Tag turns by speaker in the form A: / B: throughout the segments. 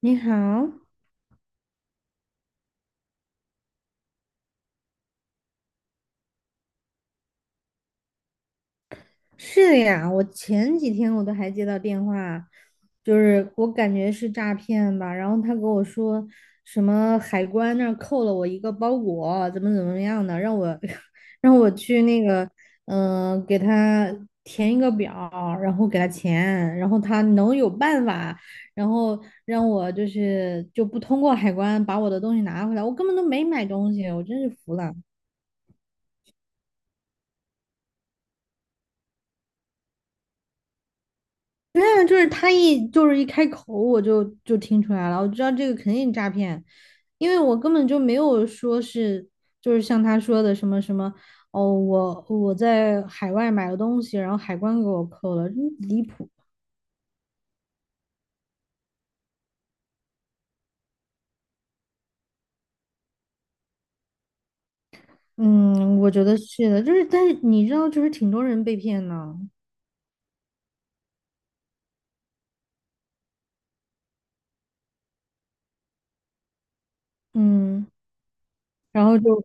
A: 你好。是呀，我前几天我都还接到电话，就是我感觉是诈骗吧。然后他跟我说什么海关那儿扣了我一个包裹，怎么怎么样的，让我 让我去那个，给他填一个表儿，然后给他钱，然后他能有办法，然后让我就是就不通过海关把我的东西拿回来。我根本都没买东西，我真是服了。对啊，就是他一开口，我就听出来了，我知道这个肯定诈骗。因为我根本就没有说是就是像他说的什么什么哦，我在海外买了东西，然后海关给我扣了，离谱。嗯，我觉得是的，就是但是你知道，就是挺多人被骗呢。嗯，然后就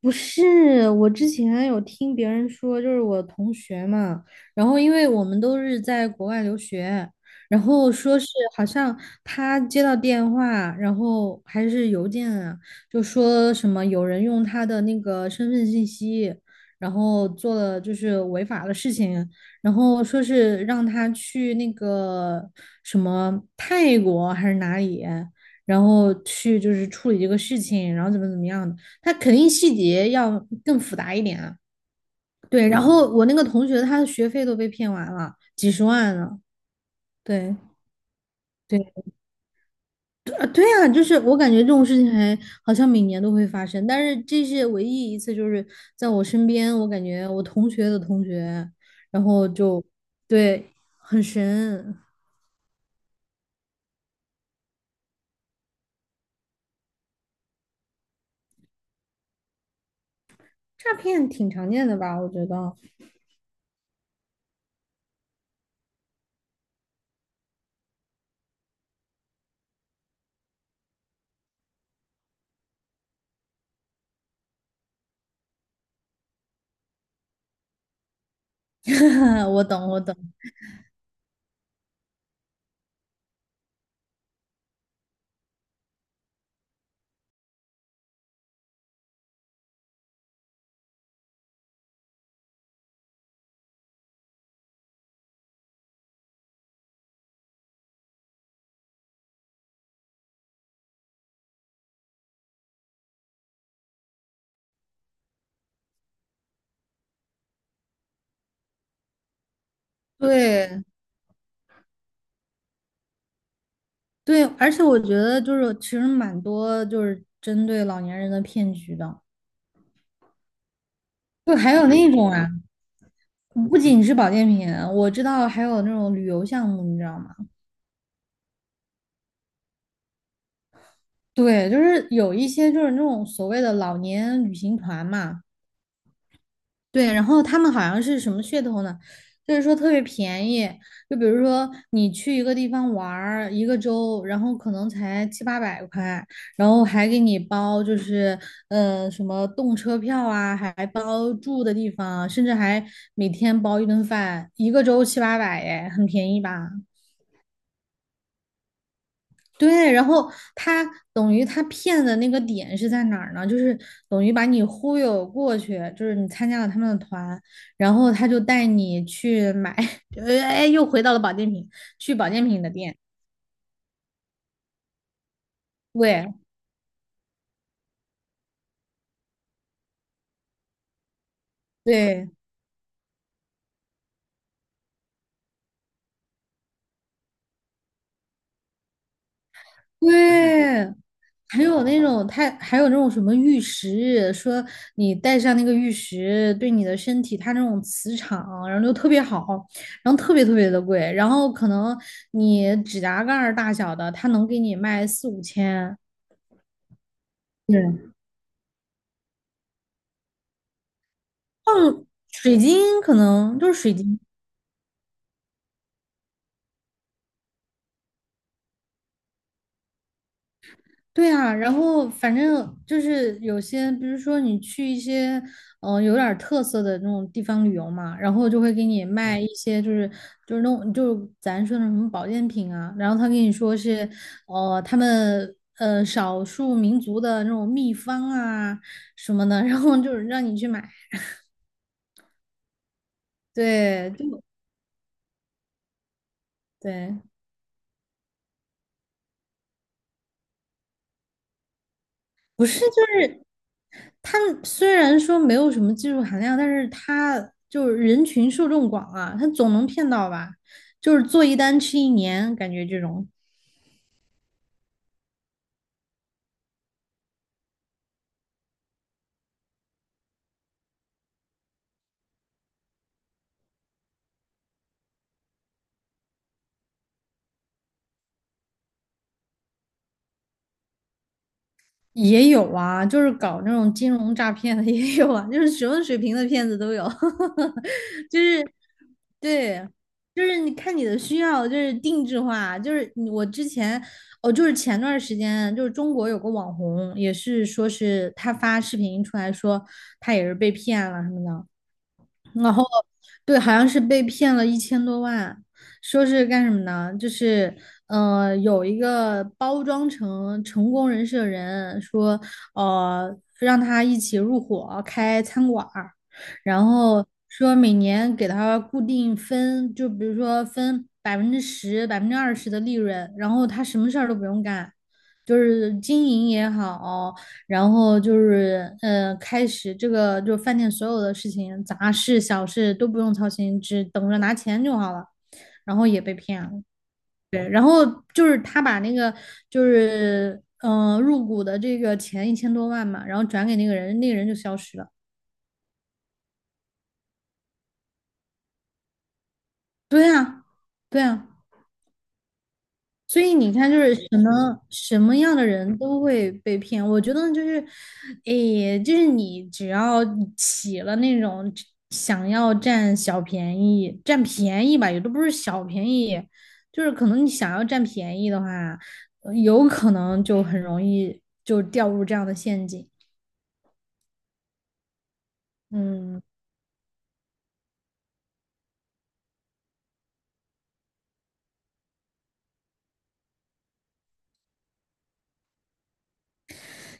A: 不是，我之前有听别人说，就是我同学嘛。然后因为我们都是在国外留学，然后说是好像他接到电话，然后还是邮件啊，就说什么有人用他的那个身份信息，然后做了就是违法的事情，然后说是让他去那个什么泰国还是哪里，然后去就是处理这个事情，然后怎么怎么样的。他肯定细节要更复杂一点啊。对，然后我那个同学他的学费都被骗完了，几十万了。对，对啊，对啊，就是我感觉这种事情还好像每年都会发生，但是这是唯一一次，就是在我身边，我感觉我同学的同学，然后就对。很神。诈骗挺常见的吧？我觉得。我懂，我懂，对。对，而且我觉得就是其实蛮多就是针对老年人的骗局的，就还有那种啊，不仅是保健品，我知道还有那种旅游项目，你知道吗？对，就是有一些就是那种所谓的老年旅行团嘛。对，然后他们好像是什么噱头呢？就是说特别便宜。就比如说你去一个地方玩儿一个周，然后可能才七八百块，然后还给你包就是什么动车票啊，还包住的地方，甚至还每天包一顿饭，一个周七八百。哎，很便宜吧？对，然后他等于他骗的那个点是在哪儿呢？就是等于把你忽悠过去，就是你参加了他们的团，然后他就带你去买。哎，又回到了保健品，去保健品的店。对对对。还有那种什么玉石，说你戴上那个玉石，对你的身体它那种磁场，然后就特别好，然后特别特别的贵。然后可能你指甲盖儿大小的，它能给你卖四五千。对，嗯，水晶可能就是水晶。对啊，然后反正就是有些，比如说你去一些有点儿特色的那种地方旅游嘛，然后就会给你卖一些就是那种就是咱说的什么保健品啊。然后他跟你说是他们少数民族的那种秘方啊什么的，然后就是让你去买。对，就对。不是，就是他虽然说没有什么技术含量，但是他就是人群受众广啊，他总能骗到吧？就是做一单吃一年，感觉这种也有啊。就是搞那种金融诈骗的 也有啊，就是什么水平的骗子都有。对，就是你看你的需要，就是定制化，就是你我之前哦，就是前段时间，就是中国有个网红，也是说是他发视频出来说他也是被骗了什么的，然后对。好像是被骗了一千多万，说是干什么呢？就是有一个包装成成功人士的人说，让他一起入伙开餐馆儿，然后说每年给他固定分，就比如说分10%、20%的利润，然后他什么事儿都不用干，就是经营也好。然后就是开始这个就是饭店所有的事情，杂事小事都不用操心，只等着拿钱就好了。然后也被骗了。对，然后就是他把那个就是入股的这个钱一千多万嘛，然后转给那个人，那个人就消失了。对啊，对啊。所以你看，就是什么什么样的人都会被骗，我觉得就是。诶，就是你只要起了那种想要占小便宜、占便宜吧，也都不是小便宜，就是可能你想要占便宜的话，有可能就很容易就掉入这样的陷阱。嗯，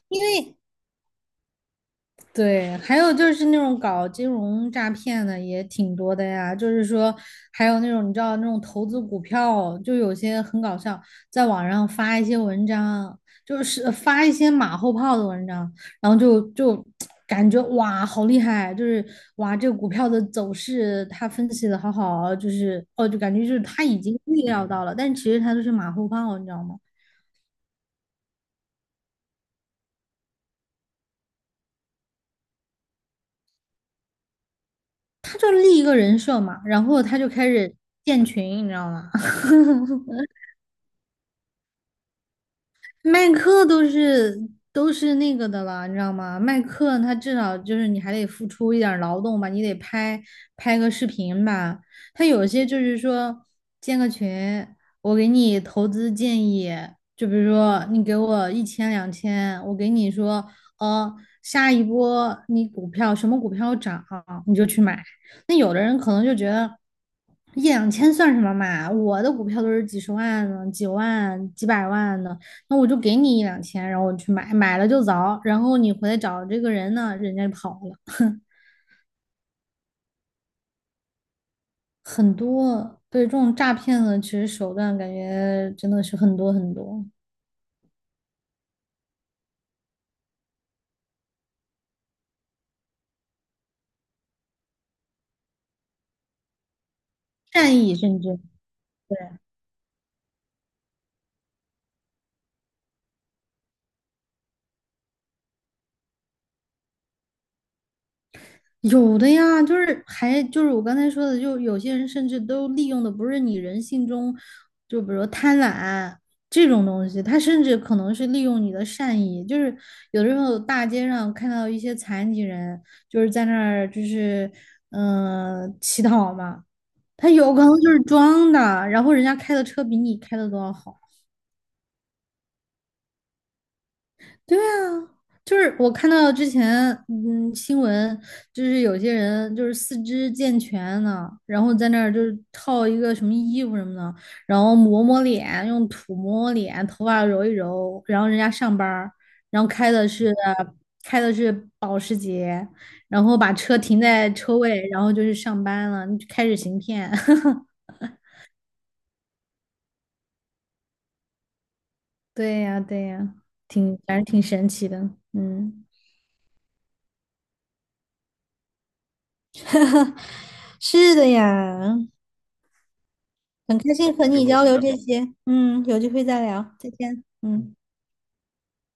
A: 因为对，还有就是那种搞金融诈骗的也挺多的呀，就是说还有那种你知道那种投资股票，就有些很搞笑，在网上发一些文章，就是发一些马后炮的文章，然后就 感觉哇好厉害，就是哇这个股票的走势他分析的好好，就是哦就感觉就是他已经预料到了，但其实他就是马后炮，你知道吗？他就立一个人设嘛，然后他就开始建群，你知道吗？麦克都是那个的了，你知道吗？麦克他至少就是你还得付出一点儿劳动吧，你得拍拍个视频吧。他有些就是说建个群，我给你投资建议，就比如说你给我一千两千，我给你说，呃，下一波你股票什么股票涨，你就去买。那有的人可能就觉得一两千算什么嘛，我的股票都是几十万的、几万、几百万的。那我就给你一两千，然后我去买，买了就走，然后你回来找这个人呢，人家就跑了。很多，对，这种诈骗的其实手段感觉真的是很多很多。善意甚至。对，有的呀，就是还就是我刚才说的，就有些人甚至都利用的不是你人性中，就比如贪婪这种东西，他甚至可能是利用你的善意，就是有的时候大街上看到一些残疾人，就是在那儿就是乞讨嘛。他有可能就是装的，然后人家开的车比你开的都要好。对啊，就是我看到之前，新闻就是有些人就是四肢健全呢，然后在那儿就是套一个什么衣服什么的，然后抹抹脸，用土抹抹脸，头发揉一揉，然后人家上班儿，然后开的是保时捷，然后把车停在车位，然后就去上班了，开始行骗。对呀，对呀，反正挺神奇的，嗯。是的呀。很开心和你交流这些，嗯，有机会再聊，再见，嗯。